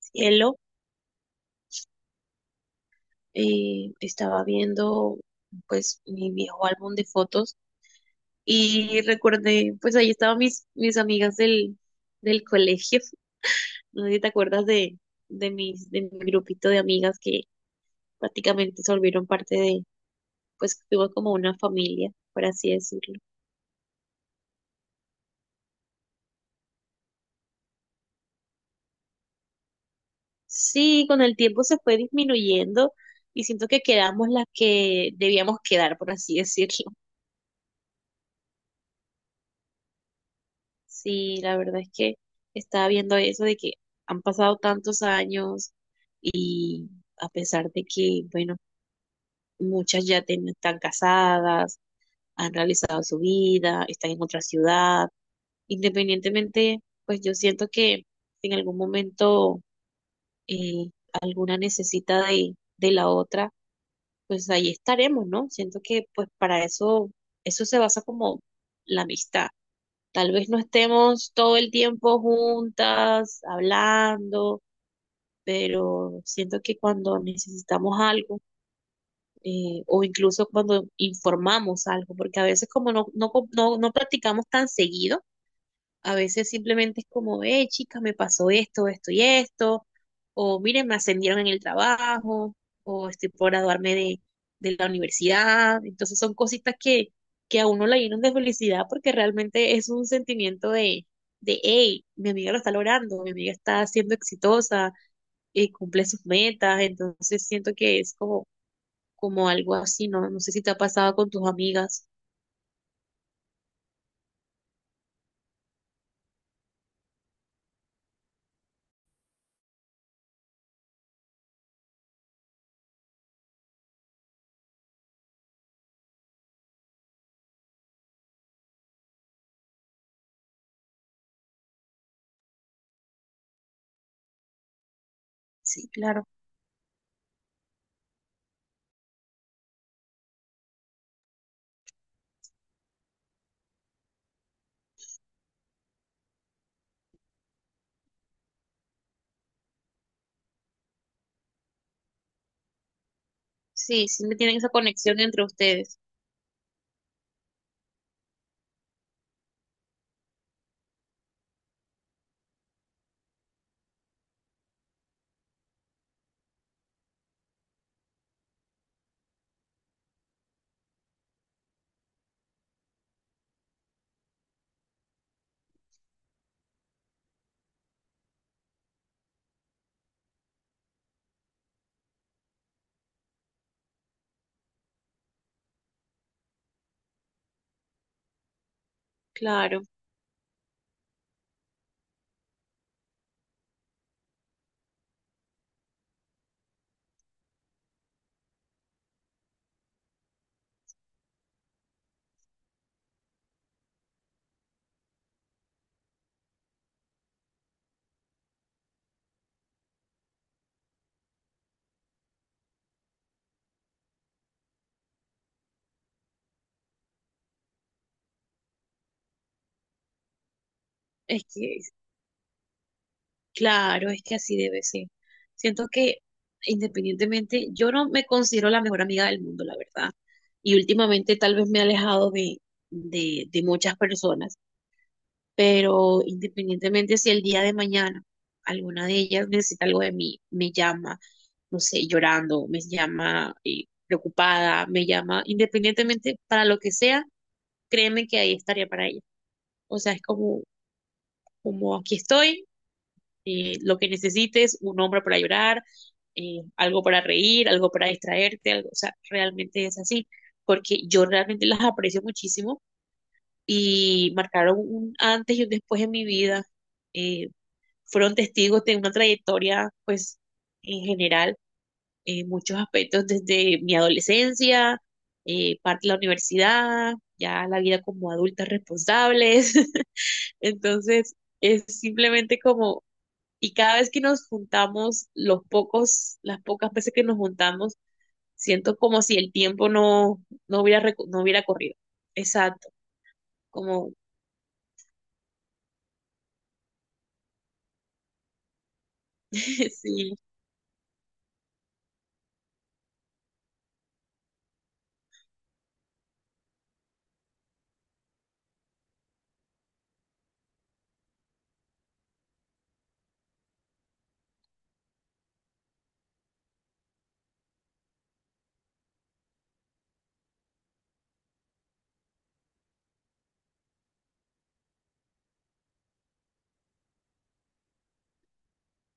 Cielo, estaba viendo pues mi viejo álbum de fotos y recordé, pues ahí estaban mis amigas del colegio. No sé si te acuerdas de mi grupito de amigas que prácticamente se volvieron parte de, pues fuimos como una familia, por así decirlo. Sí, con el tiempo se fue disminuyendo y siento que quedamos las que debíamos quedar, por así decirlo. Sí, la verdad es que estaba viendo eso de que han pasado tantos años y a pesar de que, bueno, muchas ya están casadas, han realizado su vida, están en otra ciudad, independientemente, pues yo siento que en algún momento eh, alguna necesita de la otra, pues ahí estaremos, ¿no? Siento que pues para eso, eso se basa como la amistad. Tal vez no estemos todo el tiempo juntas, hablando, pero siento que cuando necesitamos algo, o incluso cuando informamos algo, porque a veces como no practicamos tan seguido. A veces simplemente es como, chica, me pasó esto, esto y esto, o miren, me ascendieron en el trabajo, o estoy por graduarme de la universidad. Entonces son cositas que a uno la llenan de felicidad porque realmente es un sentimiento de, hey, mi amiga lo está logrando, mi amiga está siendo exitosa, cumple sus metas, entonces siento que es como, como algo así, ¿no? No sé si te ha pasado con tus amigas. Sí, claro. Sí, siempre tienen esa conexión entre ustedes. Claro. Es que, claro, es que así debe ser. Siento que independientemente, yo no me considero la mejor amiga del mundo, la verdad. Y últimamente tal vez me he alejado de muchas personas, pero independientemente, si el día de mañana alguna de ellas necesita algo de mí, me llama, no sé, llorando, me llama preocupada, me llama, independientemente para lo que sea, créeme que ahí estaría para ella. O sea, es como, como aquí estoy, lo que necesites, un hombre para llorar, algo para reír, algo para distraerte, algo, o sea, realmente es así, porque yo realmente las aprecio muchísimo y marcaron un antes y un después en mi vida. eh, Fueron testigos de una trayectoria, pues, en general, en muchos aspectos, desde mi adolescencia, parte de la universidad, ya la vida como adultas responsables. Entonces... Es simplemente como, y cada vez que nos juntamos, los pocos, las pocas veces que nos juntamos, siento como si el tiempo no, no hubiera, no hubiera corrido. Exacto, como, sí,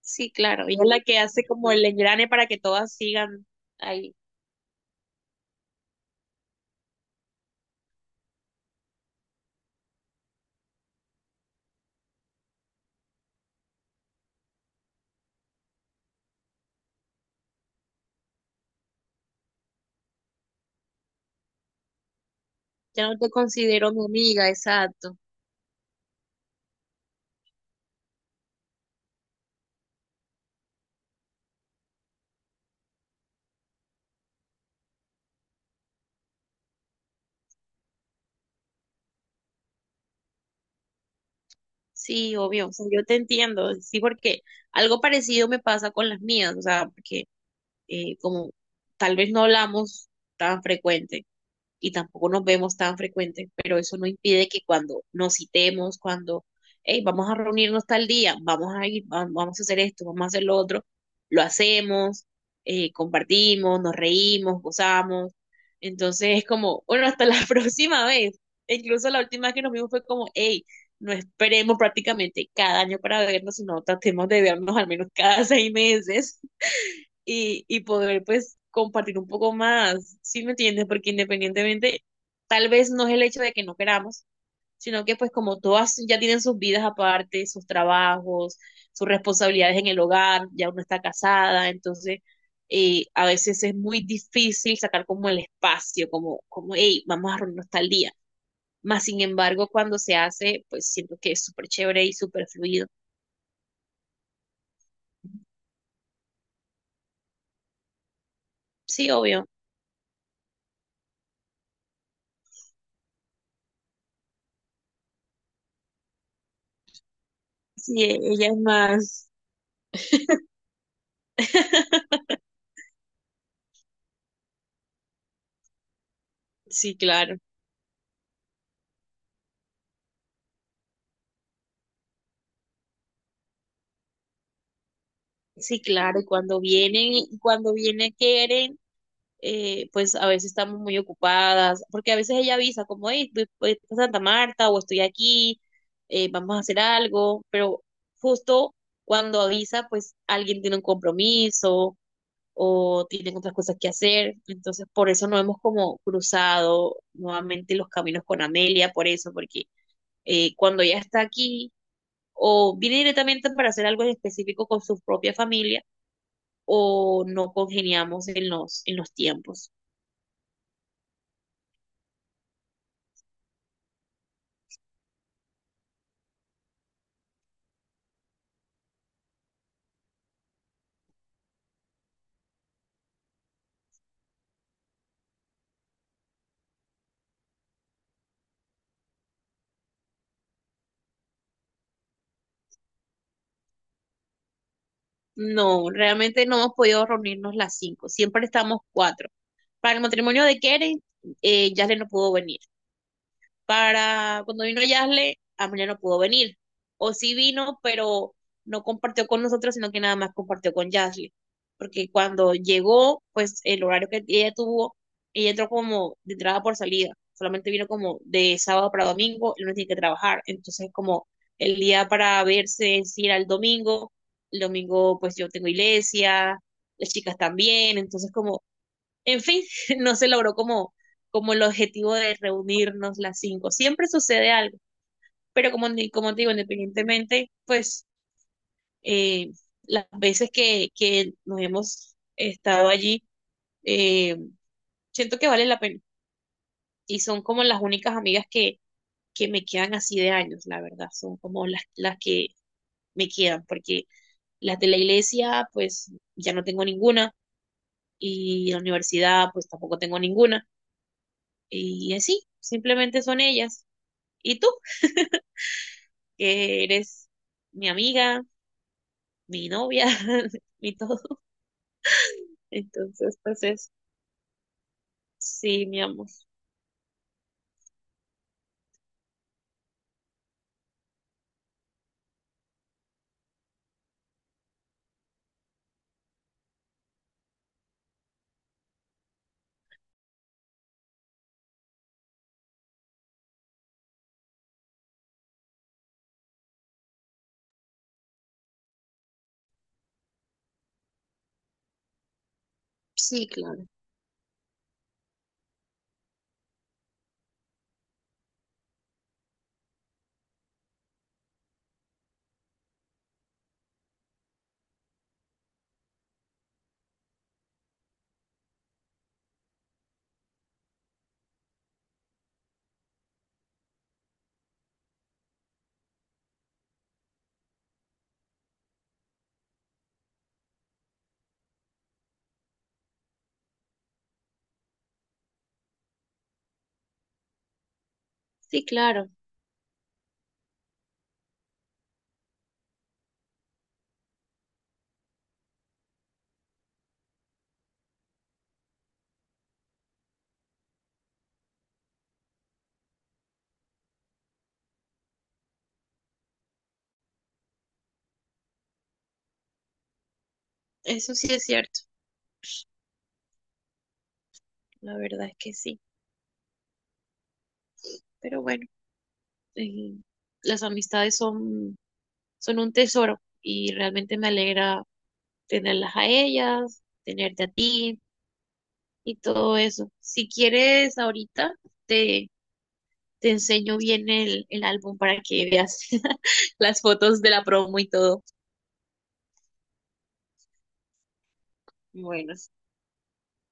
sí, claro. Y es la que hace como el engrane para que todas sigan ahí. Ya no te considero mi amiga, exacto. Sí, obvio, o sea, yo te entiendo, sí, porque algo parecido me pasa con las mías, o sea, porque como tal vez no hablamos tan frecuente y tampoco nos vemos tan frecuentes, pero eso no impide que cuando nos citemos, cuando, hey, vamos a reunirnos tal día, vamos a ir, vamos a hacer esto, vamos a hacer lo otro, lo hacemos, compartimos, nos reímos, gozamos. Entonces es como, bueno, hasta la próxima vez. E incluso la última vez que nos vimos fue como, hey, no esperemos prácticamente cada año para vernos, sino tratemos de vernos al menos cada seis meses y poder pues compartir un poco más, ¿sí me entiendes? Porque independientemente, tal vez no es el hecho de que no queramos, sino que pues como todas ya tienen sus vidas aparte, sus trabajos, sus responsabilidades en el hogar, ya uno está casada, entonces a veces es muy difícil sacar como el espacio, como, como, hey, vamos a reunirnos tal día. Más sin embargo, cuando se hace, pues siento que es súper chévere y súper fluido. Sí, obvio. Sí, e- ella es más. Sí, claro. Sí, claro, y cuando vienen quieren, pues a veces estamos muy ocupadas, porque a veces ella avisa como, hey, voy, voy a Santa Marta o estoy aquí, vamos a hacer algo, pero justo cuando avisa, pues alguien tiene un compromiso o tienen otras cosas que hacer, entonces por eso no hemos como cruzado nuevamente los caminos con Amelia, por eso, porque cuando ella está aquí o viene directamente para hacer algo en específico con su propia familia, o no congeniamos en los tiempos. No, realmente no hemos podido reunirnos las 5, siempre estamos 4. Para el matrimonio de Keren, Yasle no pudo venir. Para cuando vino Yasle, Amelia no pudo venir. O sí vino, pero no compartió con nosotros, sino que nada más compartió con Yasle. Porque cuando llegó, pues el horario que ella tuvo, ella entró como de entrada por salida. Solamente vino como de sábado para domingo, él no tiene que trabajar. Entonces, como el día para verse es ir al domingo. El domingo, pues yo tengo iglesia, las chicas también. Entonces, como en fin, no se logró como, como el objetivo de reunirnos las cinco. Siempre sucede algo, pero como, ni- como te digo, independientemente, pues eh, las veces que nos hemos estado allí, eh, siento que vale la pena. Y son como las únicas amigas que me quedan así de años, la verdad. Son como las que me quedan, porque las de la iglesia, pues ya no tengo ninguna, y la universidad, pues tampoco tengo ninguna. Y así, simplemente son ellas. Y tú, que eres mi amiga, mi novia, mi todo. Entonces, pues es, sí, mi amor. Sí, claro. Sí, claro. Eso sí es cierto. La verdad es que sí. Pero bueno, eh, las amistades son, son un tesoro y realmente me alegra tenerlas a ellas, tenerte a ti y todo eso. Si quieres, ahorita te, te enseño bien el álbum para que veas las fotos de la promo y todo. Bueno,